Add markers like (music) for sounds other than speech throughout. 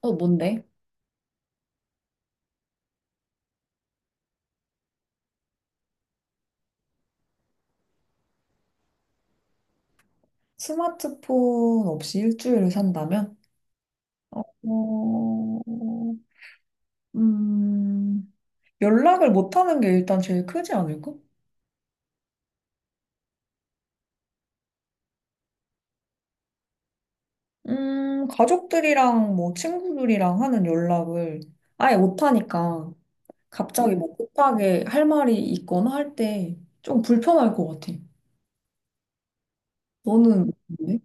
어, 뭔데? 스마트폰 없이 일주일을 산다면? 어, 음, 연락을 못하는 게 일단 제일 크지 않을까? 가족들이랑 뭐 친구들이랑 하는 연락을 아예 못하니까 갑자기 뭐 급하게 할 말이 있거나 할 때 좀 불편할 것 같아. 너는 어때?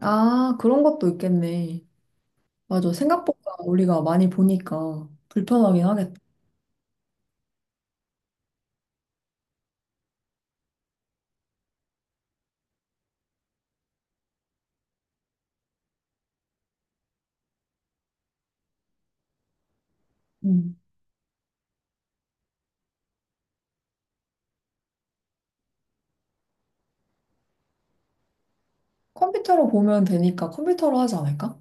아, 그런 것도 있겠네. 맞아. 생각보다 우리가 많이 보니까 불편하긴 하겠다. 음. 컴퓨터로 보면 되니까 컴퓨터로 하지 않을까?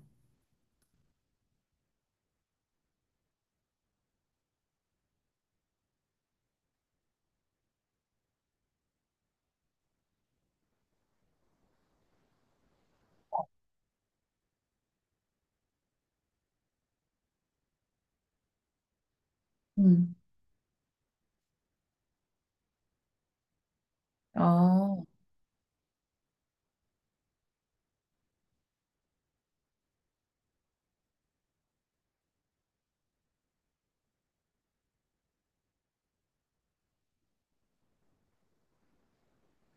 음. 아,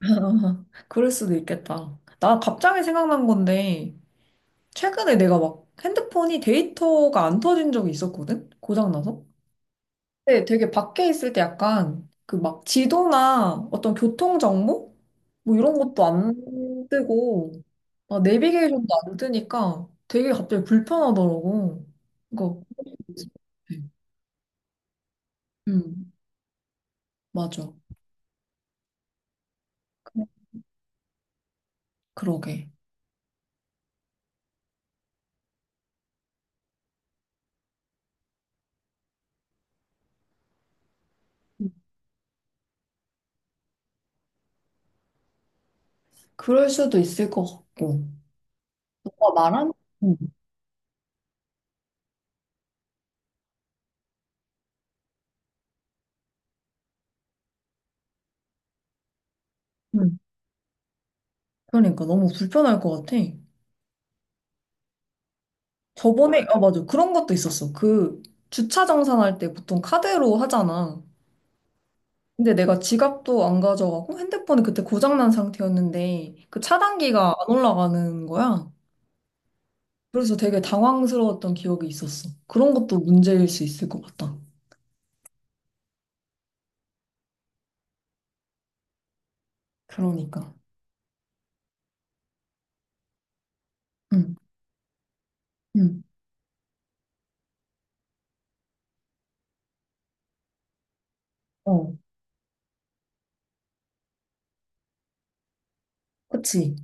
(laughs) 그럴 수도 있겠다. 나 갑자기 생각난 건데, 최근에 내가 막 핸드폰이 데이터가 안 터진 적이 있었거든? 고장나서? 근데 되게 밖에 있을 때 약간 그 막 지도나 어떤 교통정보? 뭐 이런 것도 안 뜨고, 아, 내비게이션도 안 뜨니까 되게 갑자기 불편하더라고. 그거. 음, 맞아. 그- 그러게. 그럴 수도 있을 것 같고. 너가 말한? 응, 응. 그러니까 너무 불편할 것 같아. 저번에, 아, 맞아. 그런 것도 있었어. 그 주차 정산할 때 보통 카드로 하잖아. 근데 내가 지갑도 안 가져가고 핸드폰이 그때 고장난 상태였는데 그 차단기가 안 올라가는 거야. 그래서 되게 당황스러웠던 기억이 있었어. 그런 것도 문제일 수 있을 것 같다. 그러니까. 응, 응, 어, 그치.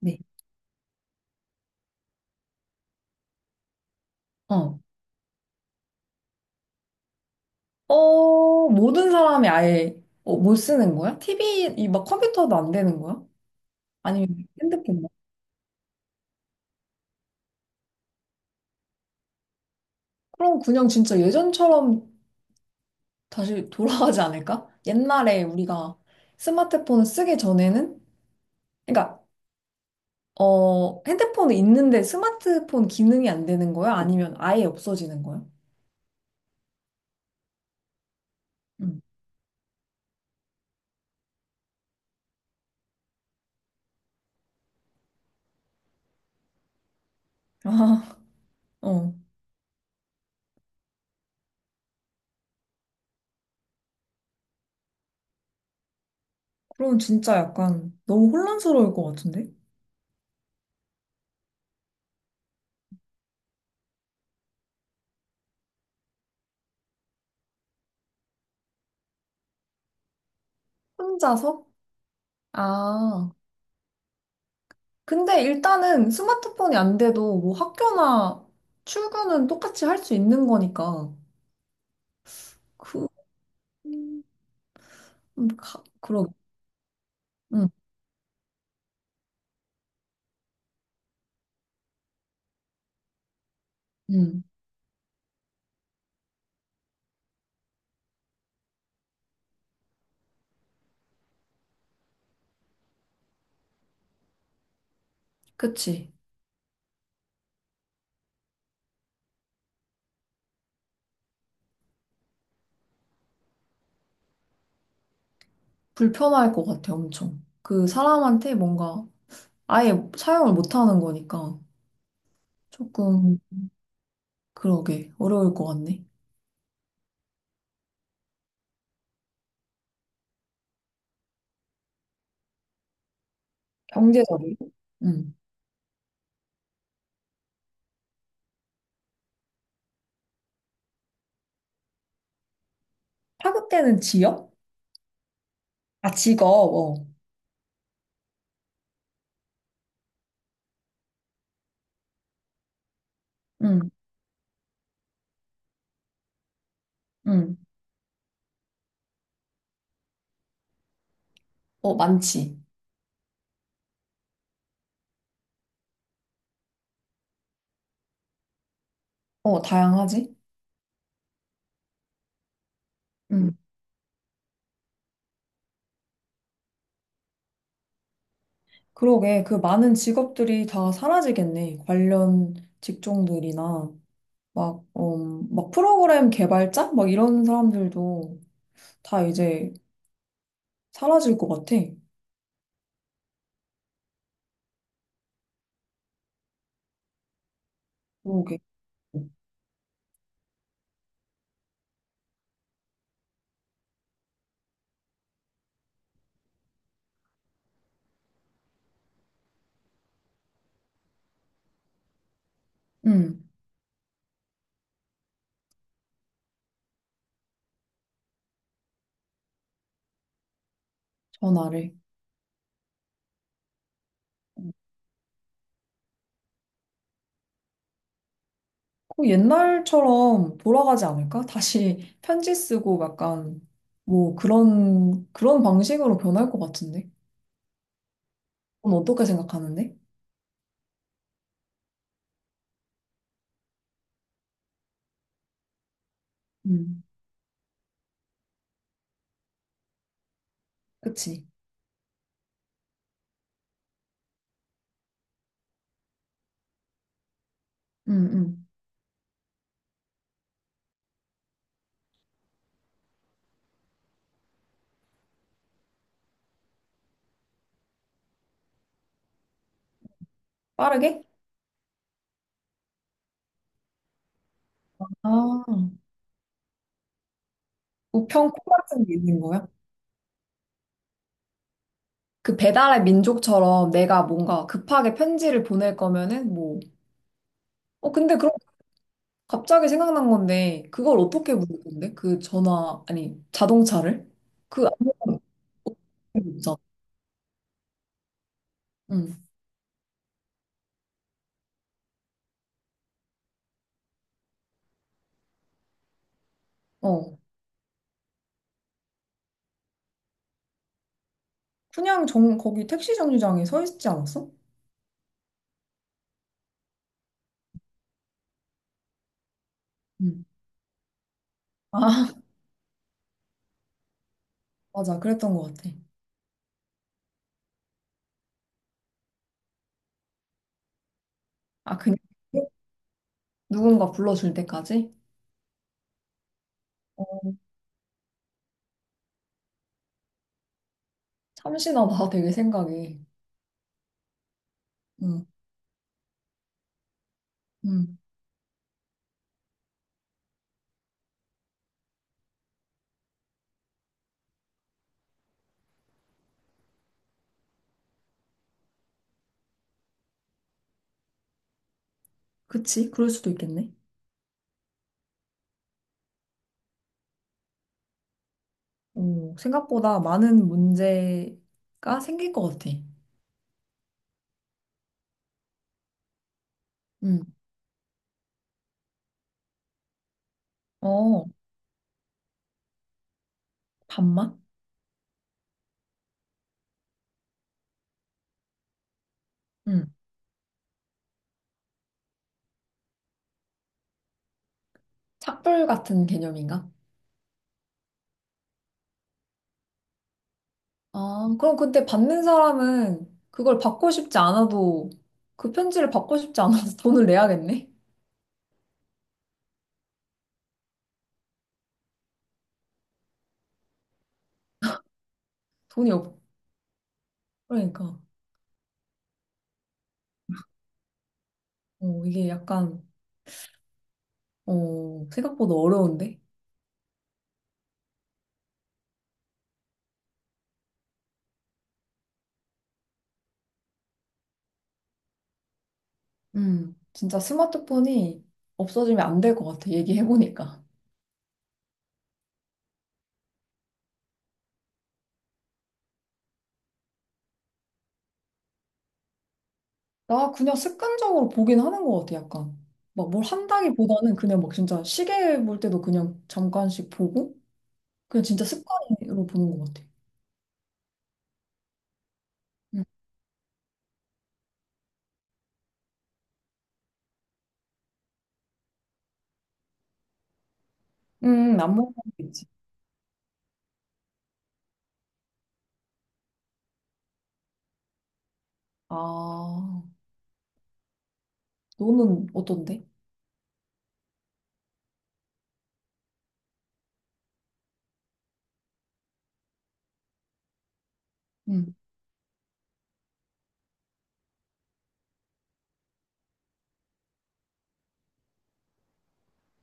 네. 어. 모든 사람이 아예 못 쓰는 거야? TV, 이 막 컴퓨터도 안 되는 거야? 아니면 핸드폰 그럼 그냥 진짜 예전처럼 다시 (laughs) 돌아가지 않을까? 옛날에 우리가 스마트폰을 쓰기 전에는? 그러니까, 핸드폰은 있는데 스마트폰 기능이 안 되는 거야? 아니면 아예 없어지는 거야? 응. (laughs) 아, 어. 그럼 진짜 약간 너무 혼란스러울 것 같은데? 혼자서? 아. 근데 일단은 스마트폰이 안 돼도 뭐 학교나 출근은 똑같이 할 수 있는 거니까. 그, 음, 가, 그러, 응, 응, 그치. 불편할 것 같아, 엄청. 그 사람한테 뭔가 아예 사용을 못 하는 거니까 조금, 그러게, 어려울 것 같네. 경제적이고. 응. 파급되는 지역? 아, 직업, 어. 응, 응. 어, 많지. 어, 다양하지? 응. 그러게, 그 많은 직업들이 다 사라지겠네. 관련 직종들이나, 막, 막 프로그램 개발자? 막 이런 사람들도 다 이제 사라질 것 같아. 그러게. 응, 전화를. 그 옛날처럼 돌아가지 않을까? 다시 편지 쓰고 약간, 뭐 그런 방식으로 변할 것 같은데? 넌 어떻게 생각하는데? 음, 그치. 응, 응. 빠르게? 아, 우편 콩 같은 게 있는 거야? 그 배달의 민족처럼 내가 뭔가 급하게 편지를 보낼 거면은 뭐, 어, 근데 그럼 갑자기 생각난 건데, 그걸 어떻게 부를 건데? 그 전화, 아니, 자동차를? 그, 아무런 어떻게 부르잖아. 응, 어. 그냥 거기 택시 정류장에 서 있지 않았어? 응. 아, (laughs) 맞아. 그랬던 것 같아. 아, 그냥 누군가 불러줄 때까지? 어, 참신하다, 되게 생각이. 응, 응. 그치? 그럴 수도 있겠네. 오, 생각보다 많은 문제가 생길 것 같아. 음. 어, 반만? 응. 착불 같은 개념인가? 아, 그럼 근데 받는 사람은 그걸 받고 싶지 않아도 그 편지를 받고 싶지 않아서 (laughs) 돈을 내야겠네? 돈이 없, 그러니까. 어, 이게 약간, 생각보다 어려운데? 음. 진짜 스마트폰이 없어지면 안 될 것 같아, 얘기해보니까. 나 그냥 습관적으로 보긴 하는 것 같아, 약간. 막 뭘 한다기보다는 그냥 막 진짜 시계 볼 때도 그냥 잠깐씩 보고, 그냥 진짜 습관으로 보는 것 같아. 응. 안 먹는 거 있지. 아, 너는 어떤데? 응.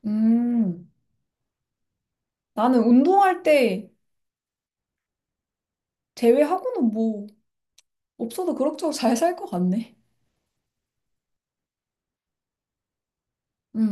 음, 나는 운동할 때 제외하고는 뭐, 없어도 그럭저럭 잘 살 것 같네. 응.